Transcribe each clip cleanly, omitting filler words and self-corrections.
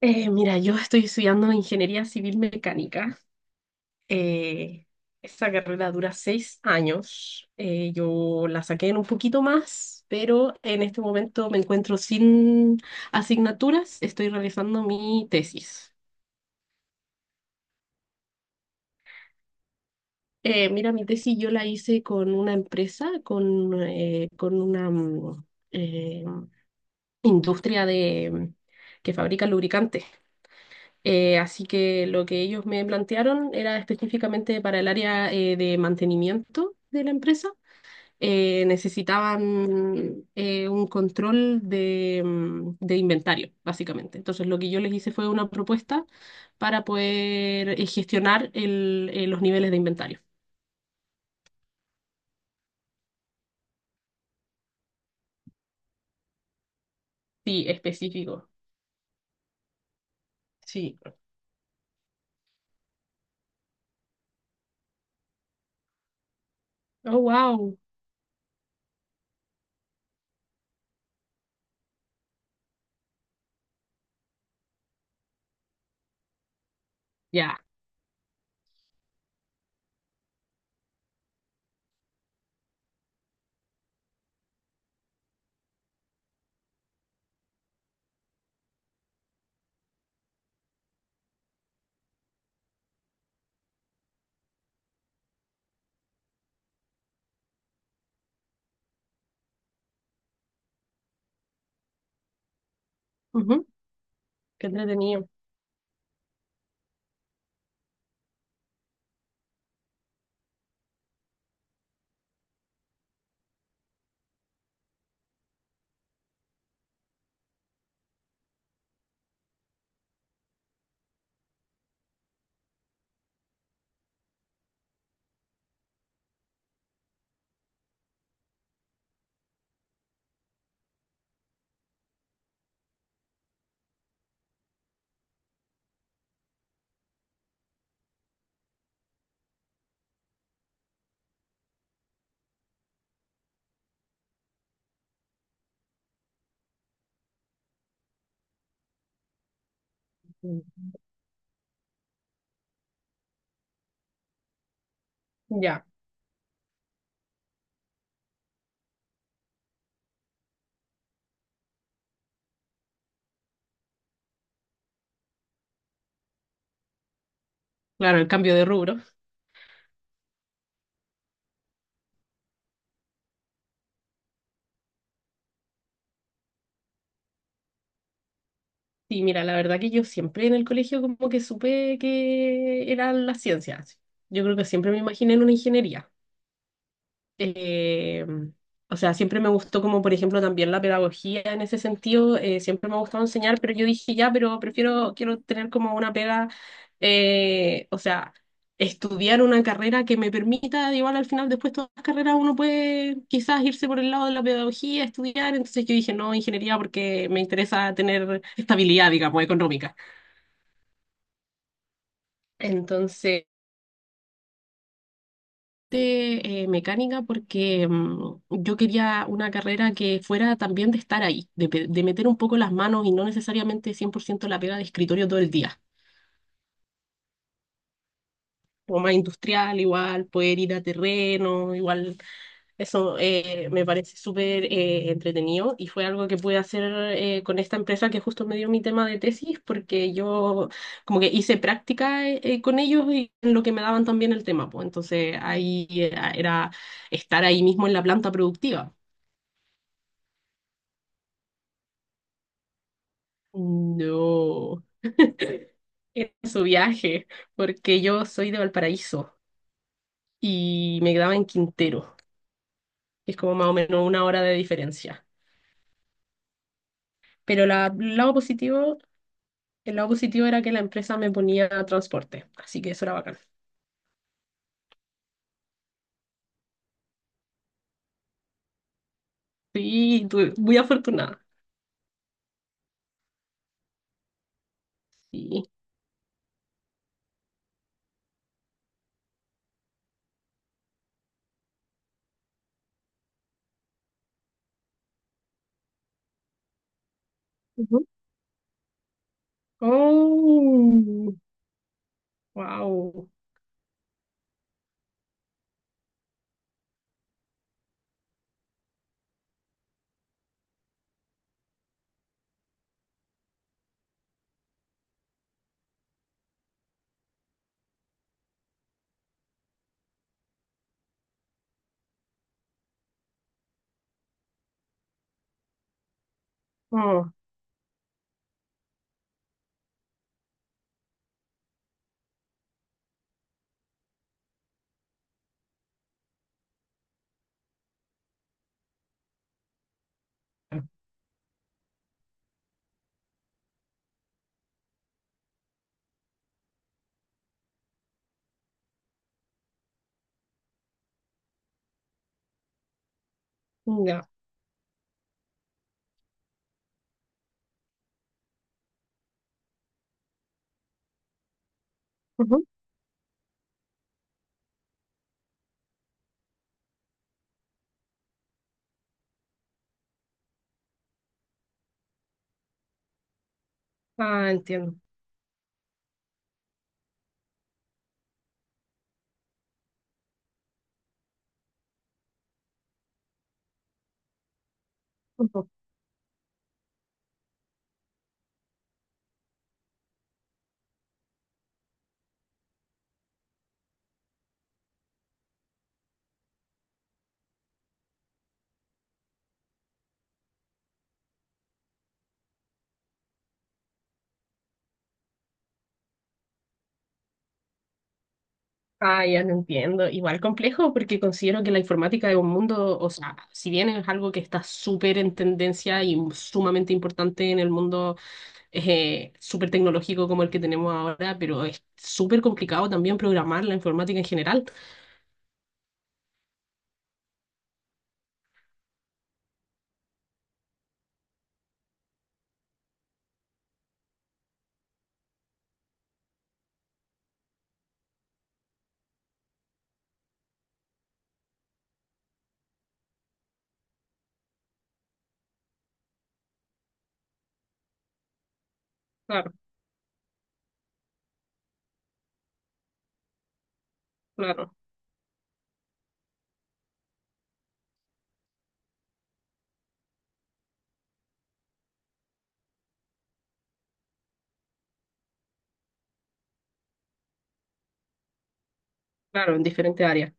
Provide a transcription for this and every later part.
Mira, yo estoy estudiando ingeniería civil mecánica. Eh, Esa carrera dura 6 años. Yo la saqué en un poquito más, pero en este momento me encuentro sin asignaturas. Estoy realizando mi tesis. Mira, mi tesis yo la hice con una empresa, con una eh, industria que fabrica lubricantes. Así que lo que ellos me plantearon era específicamente para el área de mantenimiento de la empresa. Necesitaban un control de inventario, básicamente. Entonces, lo que yo les hice fue una propuesta para poder gestionar los niveles de inventario. Sí, específico. Sí. Oh, wow. Ya. Ujú. Qué entretenido. Mm. Ya. Claro, el cambio de rubro. Sí, mira, la verdad que yo siempre en el colegio como que supe que eran las ciencias. Yo creo que siempre me imaginé en una ingeniería. Eh, o sea, siempre me gustó como, por ejemplo, también la pedagogía en ese sentido. Siempre me ha gustado enseñar, pero yo dije, ya, pero prefiero, quiero tener como una pega, o sea, estudiar una carrera que me permita, igual al final, después todas las carreras uno puede quizás irse por el lado de la pedagogía, estudiar. Entonces yo dije, no, ingeniería porque me interesa tener estabilidad, digamos, económica. Entonces, mecánica porque yo quería una carrera que fuera también de estar ahí, de meter un poco las manos y no necesariamente 100% la pega de escritorio todo el día. Como más industrial, igual, poder ir a terreno, igual. Eso me parece súper entretenido y fue algo que pude hacer con esta empresa que justo me dio mi tema de tesis porque yo como que hice práctica con ellos y en lo que me daban también el tema, pues entonces ahí era estar ahí mismo en la planta productiva. No, en su viaje, porque yo soy de Valparaíso y me quedaba en Quintero, que es como más o menos 1 hora de diferencia. Pero la- el lado positivo El lado positivo era que la empresa me ponía transporte, así que eso era bacán. Sí, muy afortunada. Sí. Ujú. Oh, wow. Oh, ya. Ujú. Ah, entiendo. Ujú. Ah, ya te entiendo. Igual complejo porque considero que la informática es un mundo, o sea, si bien es algo que está súper en tendencia y sumamente importante en el mundo súper tecnológico como el que tenemos ahora, pero es súper complicado también programar la informática en general. Claro, claro, en diferentes áreas.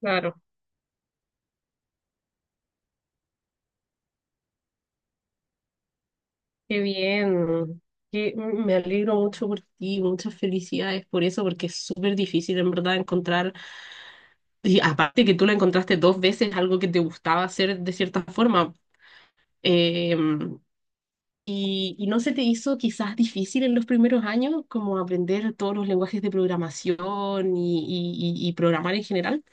Claro, qué bien. Me alegro mucho por ti, muchas felicidades por eso, porque es súper difícil en verdad encontrar, y aparte que tú lo encontraste 2 veces, algo que te gustaba hacer de cierta forma. Eh, y no se te hizo quizás difícil en los primeros años, como aprender todos los lenguajes de programación y programar en general.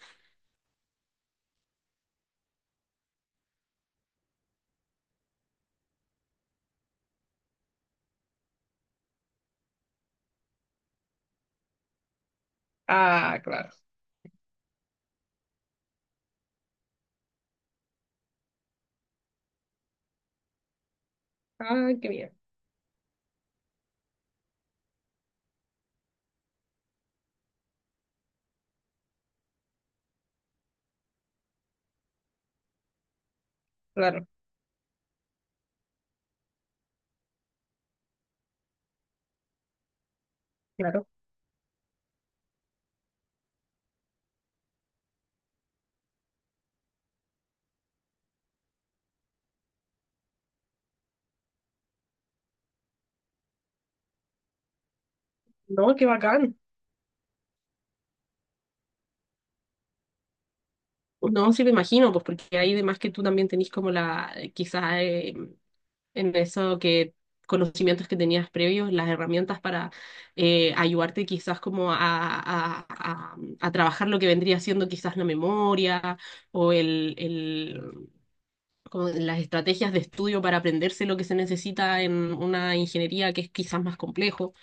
Ah, claro. Ah, qué bien. Claro, claro. No, qué bacán. Pues no, sí me imagino, pues porque ahí además que tú también tenés como la, quizás en eso que conocimientos que tenías previos, las herramientas para ayudarte quizás como a trabajar lo que vendría siendo quizás la memoria o como las estrategias de estudio para aprenderse lo que se necesita en una ingeniería que es quizás más complejo.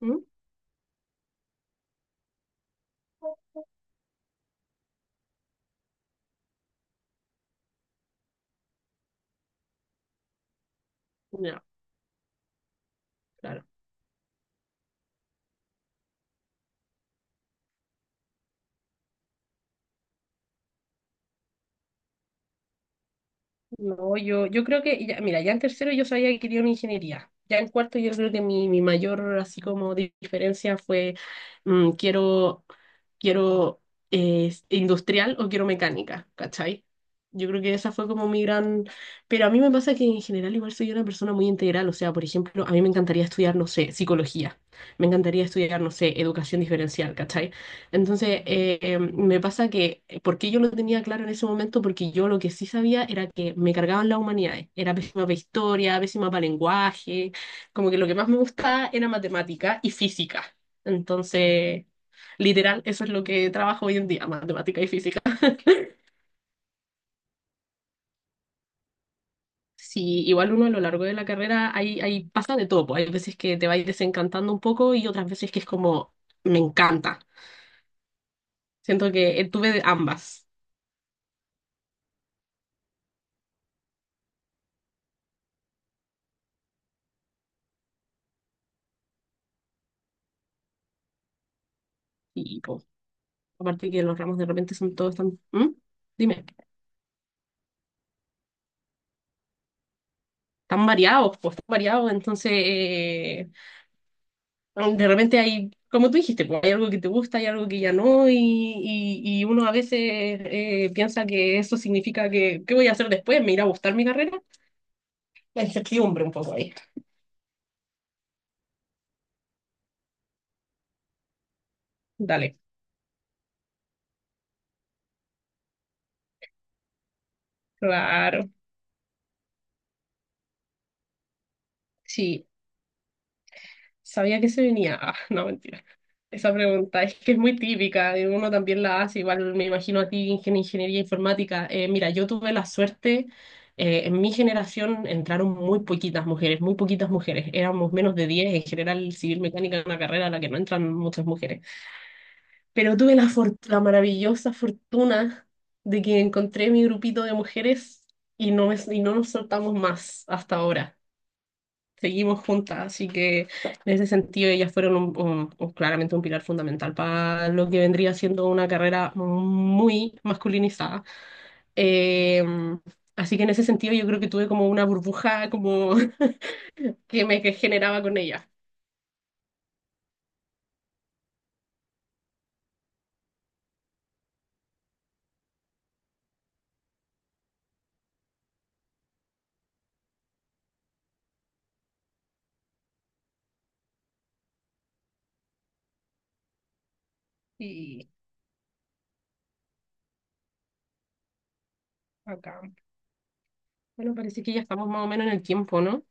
¿Mm? Ya, claro. No, yo creo que, mira, ya en tercero yo sabía que quería una ingeniería. Ya en cuarto yo creo que mi mayor así como diferencia fue mm, quiero, quiero industrial o quiero mecánica, ¿cachai? Yo creo que esa fue como mi gran... Pero a mí me pasa que en general igual soy una persona muy integral. O sea, por ejemplo, a mí me encantaría estudiar, no sé, psicología. Me encantaría estudiar, no sé, educación diferencial, ¿cachai? Entonces, me pasa que, ¿por qué yo lo tenía claro en ese momento? Porque yo lo que sí sabía era que me cargaban las humanidades. Era pésima para historia, pésima para lenguaje. Como que lo que más me gustaba era matemática y física. Entonces, literal, eso es lo que trabajo hoy en día, matemática y física. Sí, igual uno a lo largo de la carrera pasa de todo. Pues, hay veces que te vais desencantando un poco y otras veces que es como, me encanta. Siento que tuve de ambas. Y, pues, aparte que los ramos de repente son todos tan... ¿Mm? Dime, tan variados, pues tan variados. Entonces, de repente hay, como tú dijiste, pues, hay algo que te gusta, hay algo que ya no, y uno a veces piensa que eso significa ¿qué voy a hacer después? ¿Me irá a gustar mi carrera? La incertidumbre un poco ahí. Dale. Claro. Sí. Sabía que se venía. Ah, no, mentira. Esa pregunta es que es muy típica, y uno también la hace, igual me imagino a ti, ingeniería informática. Mira, yo tuve la suerte, en mi generación entraron muy poquitas mujeres, éramos menos de 10. En general civil mecánica es una carrera a la que no entran muchas mujeres, pero tuve la maravillosa fortuna de que encontré mi grupito de mujeres y y no nos soltamos más hasta ahora, seguimos juntas, así que en ese sentido ellas fueron claramente un pilar fundamental para lo que vendría siendo una carrera muy masculinizada. Eh, Así que en ese sentido yo creo que tuve como una burbuja como que me que generaba con ellas. Y acá, bueno, parece que ya estamos más o menos en el tiempo, ¿no?